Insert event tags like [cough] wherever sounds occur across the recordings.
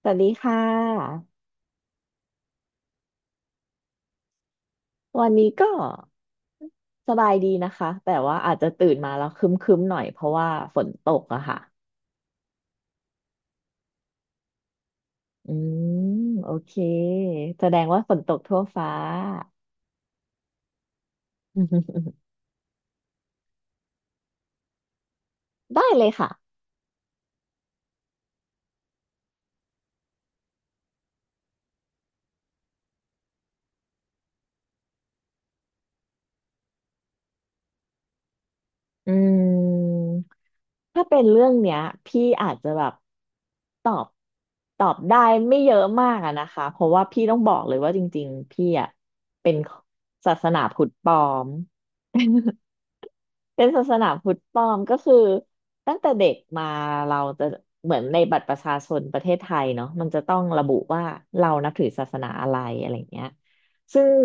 สวัสดีค่ะวันนี้ก็สบายดีนะคะแต่ว่าอาจจะตื่นมาแล้วครึ้มๆหน่อยเพราะว่าฝนตกอะค่ะอืมโอเคแสดงว่าฝนตกทั่วฟ้า [laughs] ได้เลยค่ะอืมถ้าเป็นเรื่องเนี้ยพี่อาจจะแบบตอบตอบได้ไม่เยอะมากอะนะคะเพราะว่าพี่ต้องบอกเลยว่าจริงๆพี่อะเป็นศาสนาพุทธปลอม [laughs] เป็นศาสนาพุทธปลอมก็คือตั้งแต่เด็กมาเราจะเหมือนในบัตรประชาชนประเทศไทยเนาะมันจะต้องระบุว่าเรานับถือศาสนาอะไรอะไรเงี้ยซึ่ง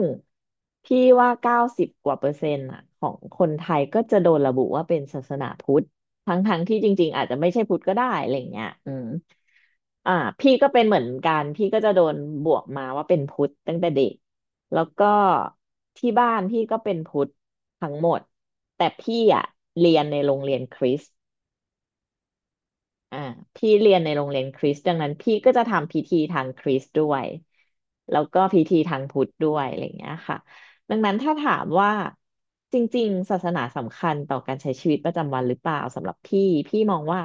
พี่ว่า90 กว่าเปอร์เซ็นต์อะของคนไทยก็จะโดนระบุว่าเป็นศาสนาพุทธทั้งๆที่จริงๆอาจจะไม่ใช่พุทธก็ได้อะไรเงี้ยอืม อ่าพี่ก็เป็นเหมือนกันพี่ก็จะโดนบวกมาว่าเป็นพุทธตั้งแต่เด็กแล้วก็ที่บ้านพี่ก็เป็นพุทธทั้งหมดแต่พี่อ่ะเรอ่าพี่เรียนในโรงเรียนคริสต์ดังนั้นพี่ก็จะทำพิธีทางคริสต์ด้วยแล้วก็พิธีทางพุทธด้วยอะไรอย่างเงี้ยค่ะดังนั้นถ้าถามว่าจริงๆศาสนาสำคัญต่อการใช้ชีวิตประจำวันหรือเปล่าสำหรับพี่พี่มองว่า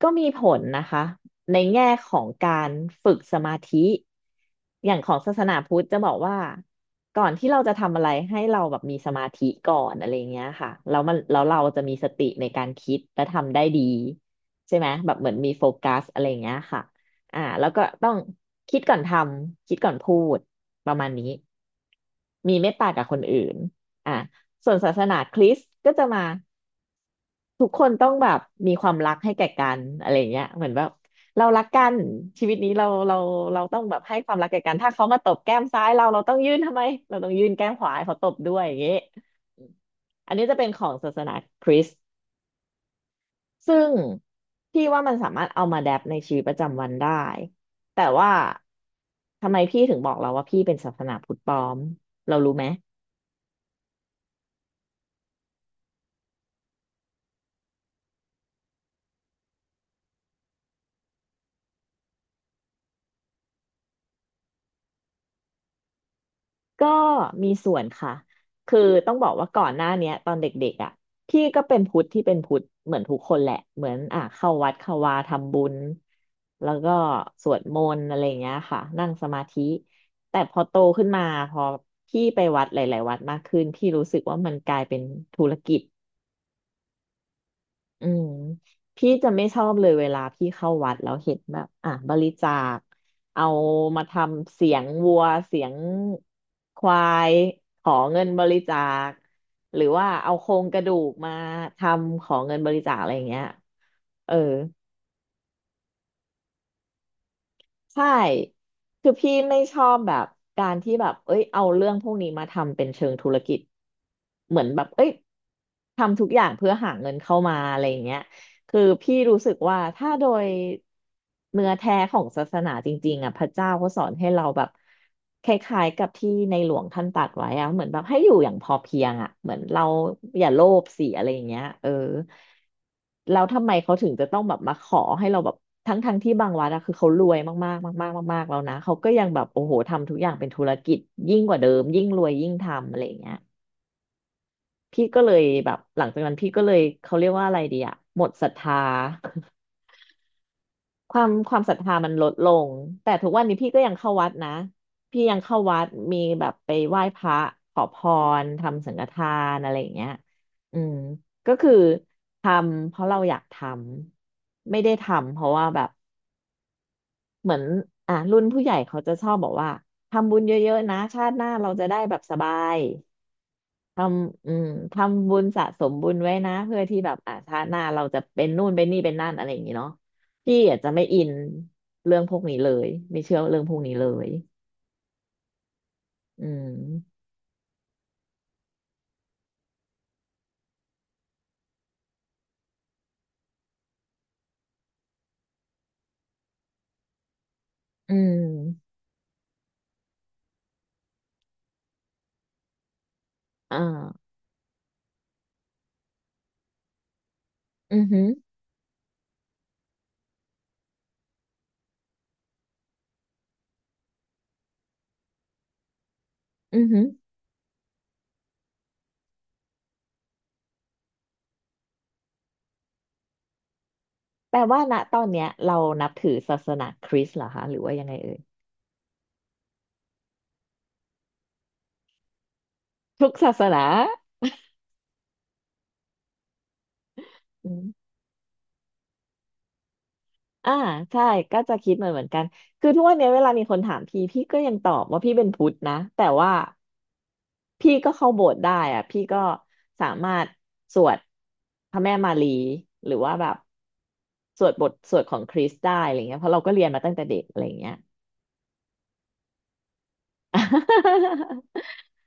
ก็มีผลนะคะ ในแง่ของการฝึกสมาธิอย่างของศาสนาพุทธจะบอกว่าก่อนที่เราจะทำอะไรให้เราแบบมีสมาธิก่อนอะไรเงี้ยค่ะแล้วเราจะมีสติในการคิดและทำได้ดีใช่ไหมแบบเหมือนมีโฟกัสอะไรเงี้ยค่ะอ่าแล้วก็ต้องคิดก่อนทำคิดก่อนพูดประมาณนี้มีเมตตากับคนอื่นอ่าส่วนศาสนาคริสต์ก็จะมา ทุกคนต้องแบบมีความรักให้แก่กันอะไรเงี้ยเหมือนแบบเรารักกันชีวิตนี้เราต้องแบบให้ความรักแก่กันถ้าเขามาตบแก้มซ้ายเราต้องยื่นทำไมเราต้องยื่นแก้มขวาให้เขาตบด้วยอย่างเงี้ยอมอันนี้จะเป็นของศาสนาคริสต์ซึ่งพี่ว่ามันสามารถเอามาแดปในชีวิตประจำวันได้แต่ว่าทำไมพี่ถึงบอกเราว่าพี่เป็นศาสนาพุทธปลอมเรารู้ไหม ก็มีส่วนค่ะ คือต้องบอกว่าก่อนหน้าเนี้ยตอนเด็กๆอ่ะพี่ก็เป็นพุทธที่เป็นพุทธเหมือนทุกคนแหละเหมือนอ่ะเข้าวัดเข้าวาทำบุญแล้วก็สวดมนต์อะไรอย่างเงี้ยค่ะนั่งสมาธิแต่พอโตขึ้นมาพอพี่ไปวัดหลายๆวัดมากขึ้นพี่รู้สึกว่ามันกลายเป็นธุรกิจ อืมพี่จะไม่ชอบเลยเวลาพี่เข้าวัดแล้วเห็นแบบอ่ะบริจาคเอามาทำเสียงวัวเสียงควายขอเงินบริจาคหรือว่าเอาโครงกระดูกมาทำขอเงินบริจาคอะไรอย่างเงี้ยเออใช่คือพี่ไม่ชอบแบบการที่แบบเอ้ยเอาเรื่องพวกนี้มาทำเป็นเชิงธุรกิจเหมือนแบบเอ้ยทำทุกอย่างเพื่อหาเงินเข้ามาอะไรอย่างเงี้ย คือพี่รู้สึกว่าถ้าโดยเนื้อแท้ของศาสนาจริงๆอ่ะพระเจ้าเขาสอนให้เราแบบคล้ายๆกับที่ในหลวงท่านตรัสไว้อ่ะเหมือนแบบให้อยู่อย่างพอเพียงอ่ะเหมือนเราอย่าโลภสิอะไรอย่างเงี้ยเออแล้วทำไมเขาถึงจะต้องแบบมาขอให้เราแบบทั้งๆทงที่บางวัดอะคือเขารวยมากๆมากๆมากๆแล้วนะเขาก็ยังแบบโอ้โหทำทุกอย่างเป็นธุรกิจยิ่งกว่าเดิมยิ่งรวยยิ่งทำอะไรอย่างเงี้ยพี่ก็เลยแบบหลังจากนั้นพี่ก็เลยเขาเรียกว่าอะไรดีอะหมดศรัทธา ความศรัทธามันลดลงแต่ทุกวันนี้พี่ก็ยังเข้าวัดนะพี่ยังเข้าวัดมีแบบไปไหว้พระขอพรทำสังฆทานอะไรอย่างเงี้ยอืมก็คือทำเพราะเราอยากทำไม่ได้ทำเพราะว่าแบบเหมือนอ่ะรุ่นผู้ใหญ่เขาจะชอบบอกว่าทำบุญเยอะๆนะชาติหน้าเราจะได้แบบสบาย ทำอืมทำบุญสะสมบุญไว้นะเพื่อที่แบบอ่าชาติหน้าเราจะเป็นนู่นเป็นนี่เป็นนั่นอะไรอย่างนี้เนาะพี่อาจจะไม่อินเรื่องพวกนี้เลยไม่เชื่อเรื่องพวกนี้เลยอืมอืมอ่าอือหืออือหือแปลว่าณตอนเนี้ยเรานับถือศาสนาคริสต์เหรอคะหรือว่ายังไงเอ่ยทุกศาสนา อ่าใช่ก็จะคิดเหมือนกันคือทุกวันนี้เวลามีคนถามพี่ก็ยังตอบว่าพี่เป็นพุทธนะแต่ว่าพี่ก็เข้าโบสถ์ได้อะพี่ก็สามารถสวดพระแม่มารีหรือว่าแบบสวดบทสวดของคริสต์ได้อะไรเงี้ยเพราะเราก็เรียนมาตั้งแต่เด็กอะไรเงี้ย [laughs]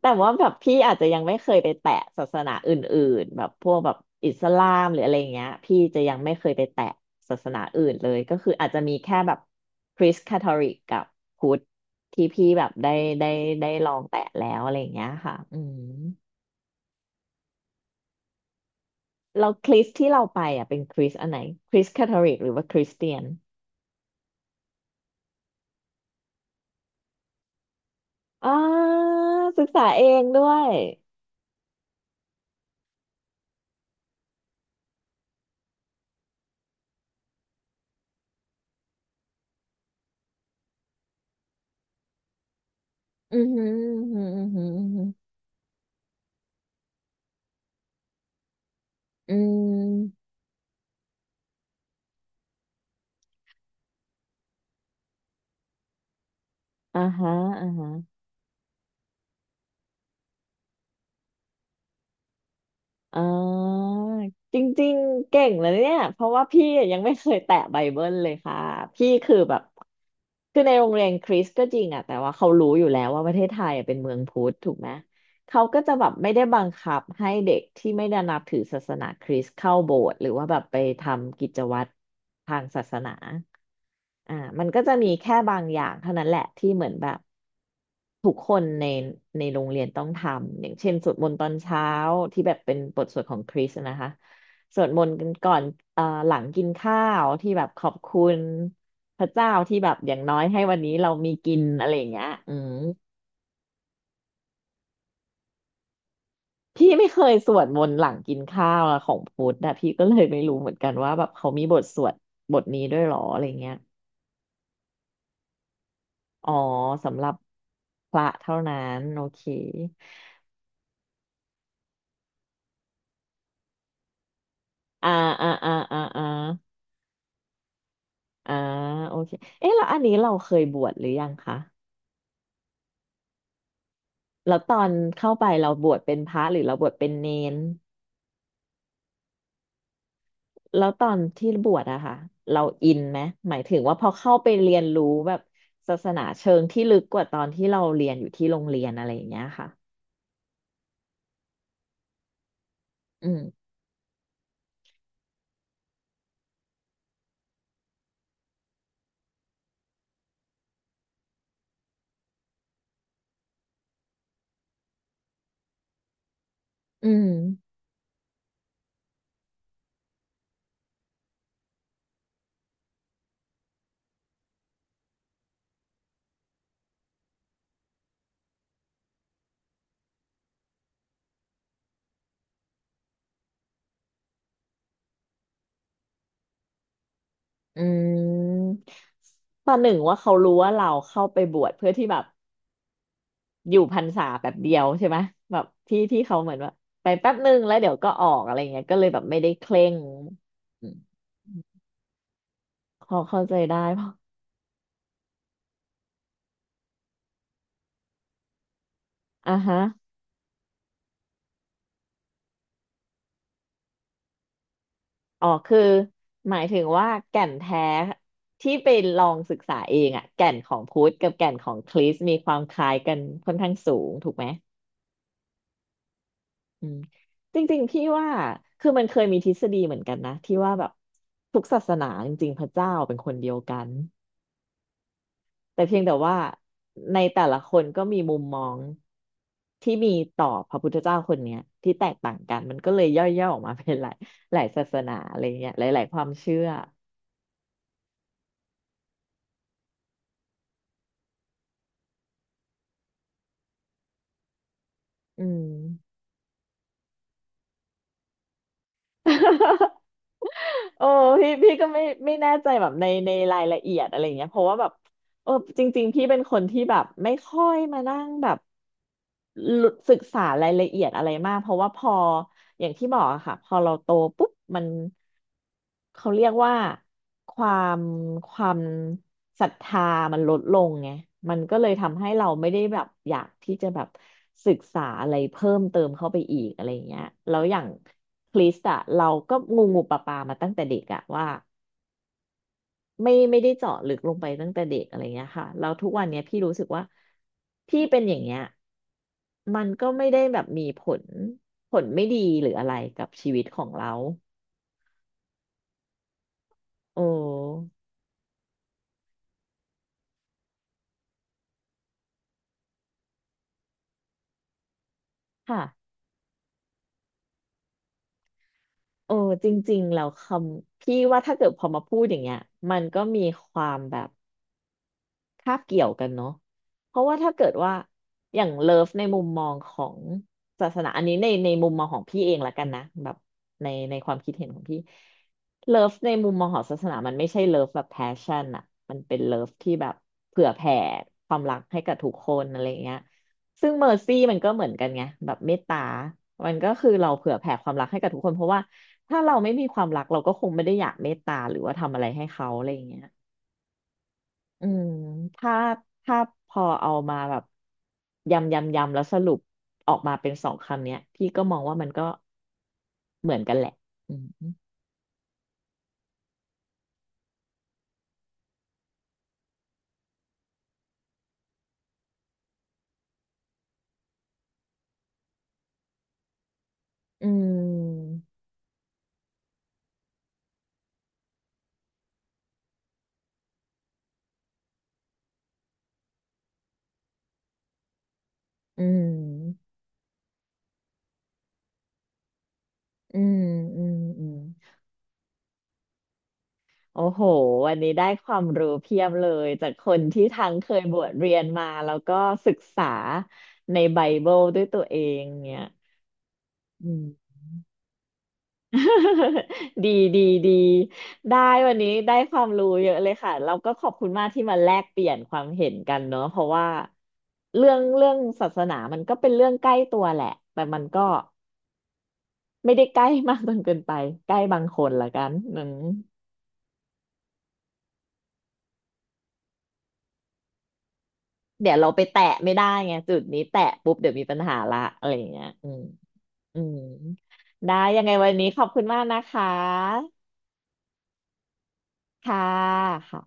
แต่ว่าแบบพี่อาจจะยังไม่เคยไปแตะศาสนาอื่นๆแบบพวกแบบอิสลามหรืออะไรอย่างเงี้ยพี่จะยังไม่เคยไปแตะศาสนาอื่นเลยก็คืออาจจะมีแค่แบบคริสต์คาทอลิกกับพุทธที่พี่แบบได้ได้ลองแตะแล้วอะไรอย่างเงี้ยค่ะอืมเราคริสต์ที่เราไปอ่ะเป็นคริสต์อันไหนคริสต์คาทอลิกหรือว่าคริสเตียนอ่าศึกษาเองด้วยอือหืออือหืออือหืออืม อ่าฮะอ่าฮะอ่าจริงๆ เก่งเลยเนี่ย เพราะว่าพี่ยังไม่เคยแตะไบเบิลเลยค่ะ พี่คือแบบ คือในโรงเรียนคริสต์ก็จริงอะแต่ว่าเขารู้อยู่แล้วว่าประเทศไทยอะเป็นเมืองพุทธถูกไหม เขาก็จะแบบไม่ได้บังคับให้เด็กที่ไม่ได้นับถือศาสนาคริสต์เข้าโบสถ์หรือว่าแบบไปทำกิจวัตรทางศาสนาอ่ามันก็จะมีแค่บางอย่างเท่านั้นแหละที่เหมือนแบบ ทุกคนในโรงเรียนต้องทำอย่างเช่นสวดมนต์ตอนเช้าที่แบบเป็นบทสวดของคริสต์นะคะสวดมนต์กันก่อนหลังกินข้าวที่แบบขอบคุณพระเจ้าที่แบบอย่างน้อยให้วันนี้เรามีกินอะไรอย่างเงี้ยอืมพี่ไม่เคยสวดมนต์หลังกินข้าวอะของพุทธนะพี่ก็เลยไม่รู้เหมือนกันว่าแบบเขามีบทสวดบทนี้ด้วยเหรออะไรเงี้ยอ๋อสำหรับพระเท่านั้นโอเคอ่าอ่าอ่าอ่าอ่า อ่าโอเคเอ๊ะแล้วอันนี้เราเคยบวชหรือยังคะแล้วตอนเข้าไปเราบวชเป็นพระหรือเราบวชเป็นเนนแล้วตอนที่บวชอะค่ะเราอินไหมหมายถึงว่าพอเข้าไปเรียนรู้แบบศาสนาเชิงที่ลึกกว่าตอนที่เราเรียนอยู่ที่โรงเรียนอะไรอย่างเงี้ยค่ะอืมอืมอืมประหนึ่งว่าเขารู้ว่าเราเข้าไปบวชเพื่อที่แบบ อยู่พรรษาแบบเดียวใช่ไหมแบบที่เขาเหมือนว่าไปแป๊บนึงแล้วเดี๋ยวก็ออกอะไรเงี้ยก็เลยแบบไม่ได้เคร่งอืมพอเข้าใจได้พะอ่ะฮะอ๋อคือหมายถึงว่าแก่นแท้ที่ไปลองศึกษาเองอะแก่นของพุทธกับแก่นของคริสต์มีความคล้ายกันค่อนข้างสูงถูกไหมอืมจริงๆพี่ว่าคือมันเคยมีทฤษฎีเหมือนกันนะที่ว่าแบบทุกศาสนาจริงๆพระเจ้าเป็นคนเดียวกัน แต่เพียงแต่ว่าในแต่ละคนก็มีมุมมองที่มีต่อพระพุทธเจ้าคนเนี้ยที่แตกต่างกันมันก็เลยย่อยๆออกมาเป็นหลายหลายศาสนาอะไรเงี้ยหลายๆความเชื่ออืม [laughs] โอ้พี่ก็ไม่แน่ใจแบบในรายละเอียดอะไรเงี้ยเพราะว่าแบบ เออจริงๆพี่เป็นคนที่แบบไม่ค่อยมานั่งแบบลุศึกษารายละเอียดอะไรมากเพราะว่าพออย่างที่บอกอะค่ะพอเราโตปุ๊บมันเขาเรียกว่าความความศรัทธามันลดลงไงมันก็เลยทำให้เราไม่ได้แบบอยากที่จะแบบศึกษาอะไรเพิ่มเติมเข้าไปอีกอะไรอย่างเงี้ยแล้วอย่างคริสต์อะเราก็งูงูปลาปลามาตั้งแต่เด็กอะว่า ไม่ได้เจาะลึกลงไปตั้งแต่เด็กอะไรเงี้ยค่ะแล้วทุกวันเนี้ยพี่รู้สึกว่าพี่เป็นอย่างเงี้ยมันก็ไม่ได้แบบมีผลผลไม่ดีหรืออะไรกับชีวิตของเราโอ้ค่ะโอ้จริงๆแล้วคำพี่ว่าถ้าเกิดพอมาพูดอย่างเงี้ยมันก็มีความแบบ คาบเกี่ยวกันเนาะเพราะว่าถ้าเกิดว่าอย่างเลิฟในมุมมองของศาสนาอันนี้ในมุมมองของพี่เองละกันนะแบบในความคิดเห็นของพี่เลิฟในมุมมองของศาสนามันไม่ใช่เลิฟแบบแพชชั่นอะมันเป็นเลิฟที่แบบเผื่อแผ่ความรักให้กับทุกคนอะไรอย่างเงี้ยซึ่งเมอร์ซี่มันก็เหมือนกันไงแบบเมตตามันก็คือเราเผื่อแผ่ความรักให้กับทุกคนเพราะว่าถ้าเราไม่มีความรักเราก็คงไม่ได้อยากเมตตาหรือว่าทำอะไรให้เขาอะไรอย่างเงี้ย อืมถ้าถ้าพอเอามาแบบยำยำยำแล้วสรุปออกมาเป็นสองคำเนี้ยพี่ก็มองว่ามันก็เหมือนกันแหละอืมอืมอืมอืมอืมอืมโอ้โหวันนี้ได้ความรู้เพียบเลยจากคนที่ทั้งเคยบวชเรียนมาแล้วก็ศึกษาในไบเบิลด้วยตัวเองเนี่ยอืม [laughs] ดีดีดีได้วันนี้ได้ความรู้เยอะเลยค่ะเราก็ขอบคุณมากที่มาแลกเปลี่ยนความเห็นกันเนอะเพราะว่าเรื่องศาสนามันก็เป็นเรื่องใกล้ตัวแหละแต่มันก็ไม่ได้ใกล้มากจนเกินไปใกล้บางคนละกันอืมเดี๋ยวเราไปแตะไม่ได้ไงจุดนี้แตะปุ๊บเดี๋ยวมีปัญหาละอะไรอย่างเงี้ยอืมอืมได้ยังไงวันนี้ขอบคุณมากนะคะค่ะค่ะ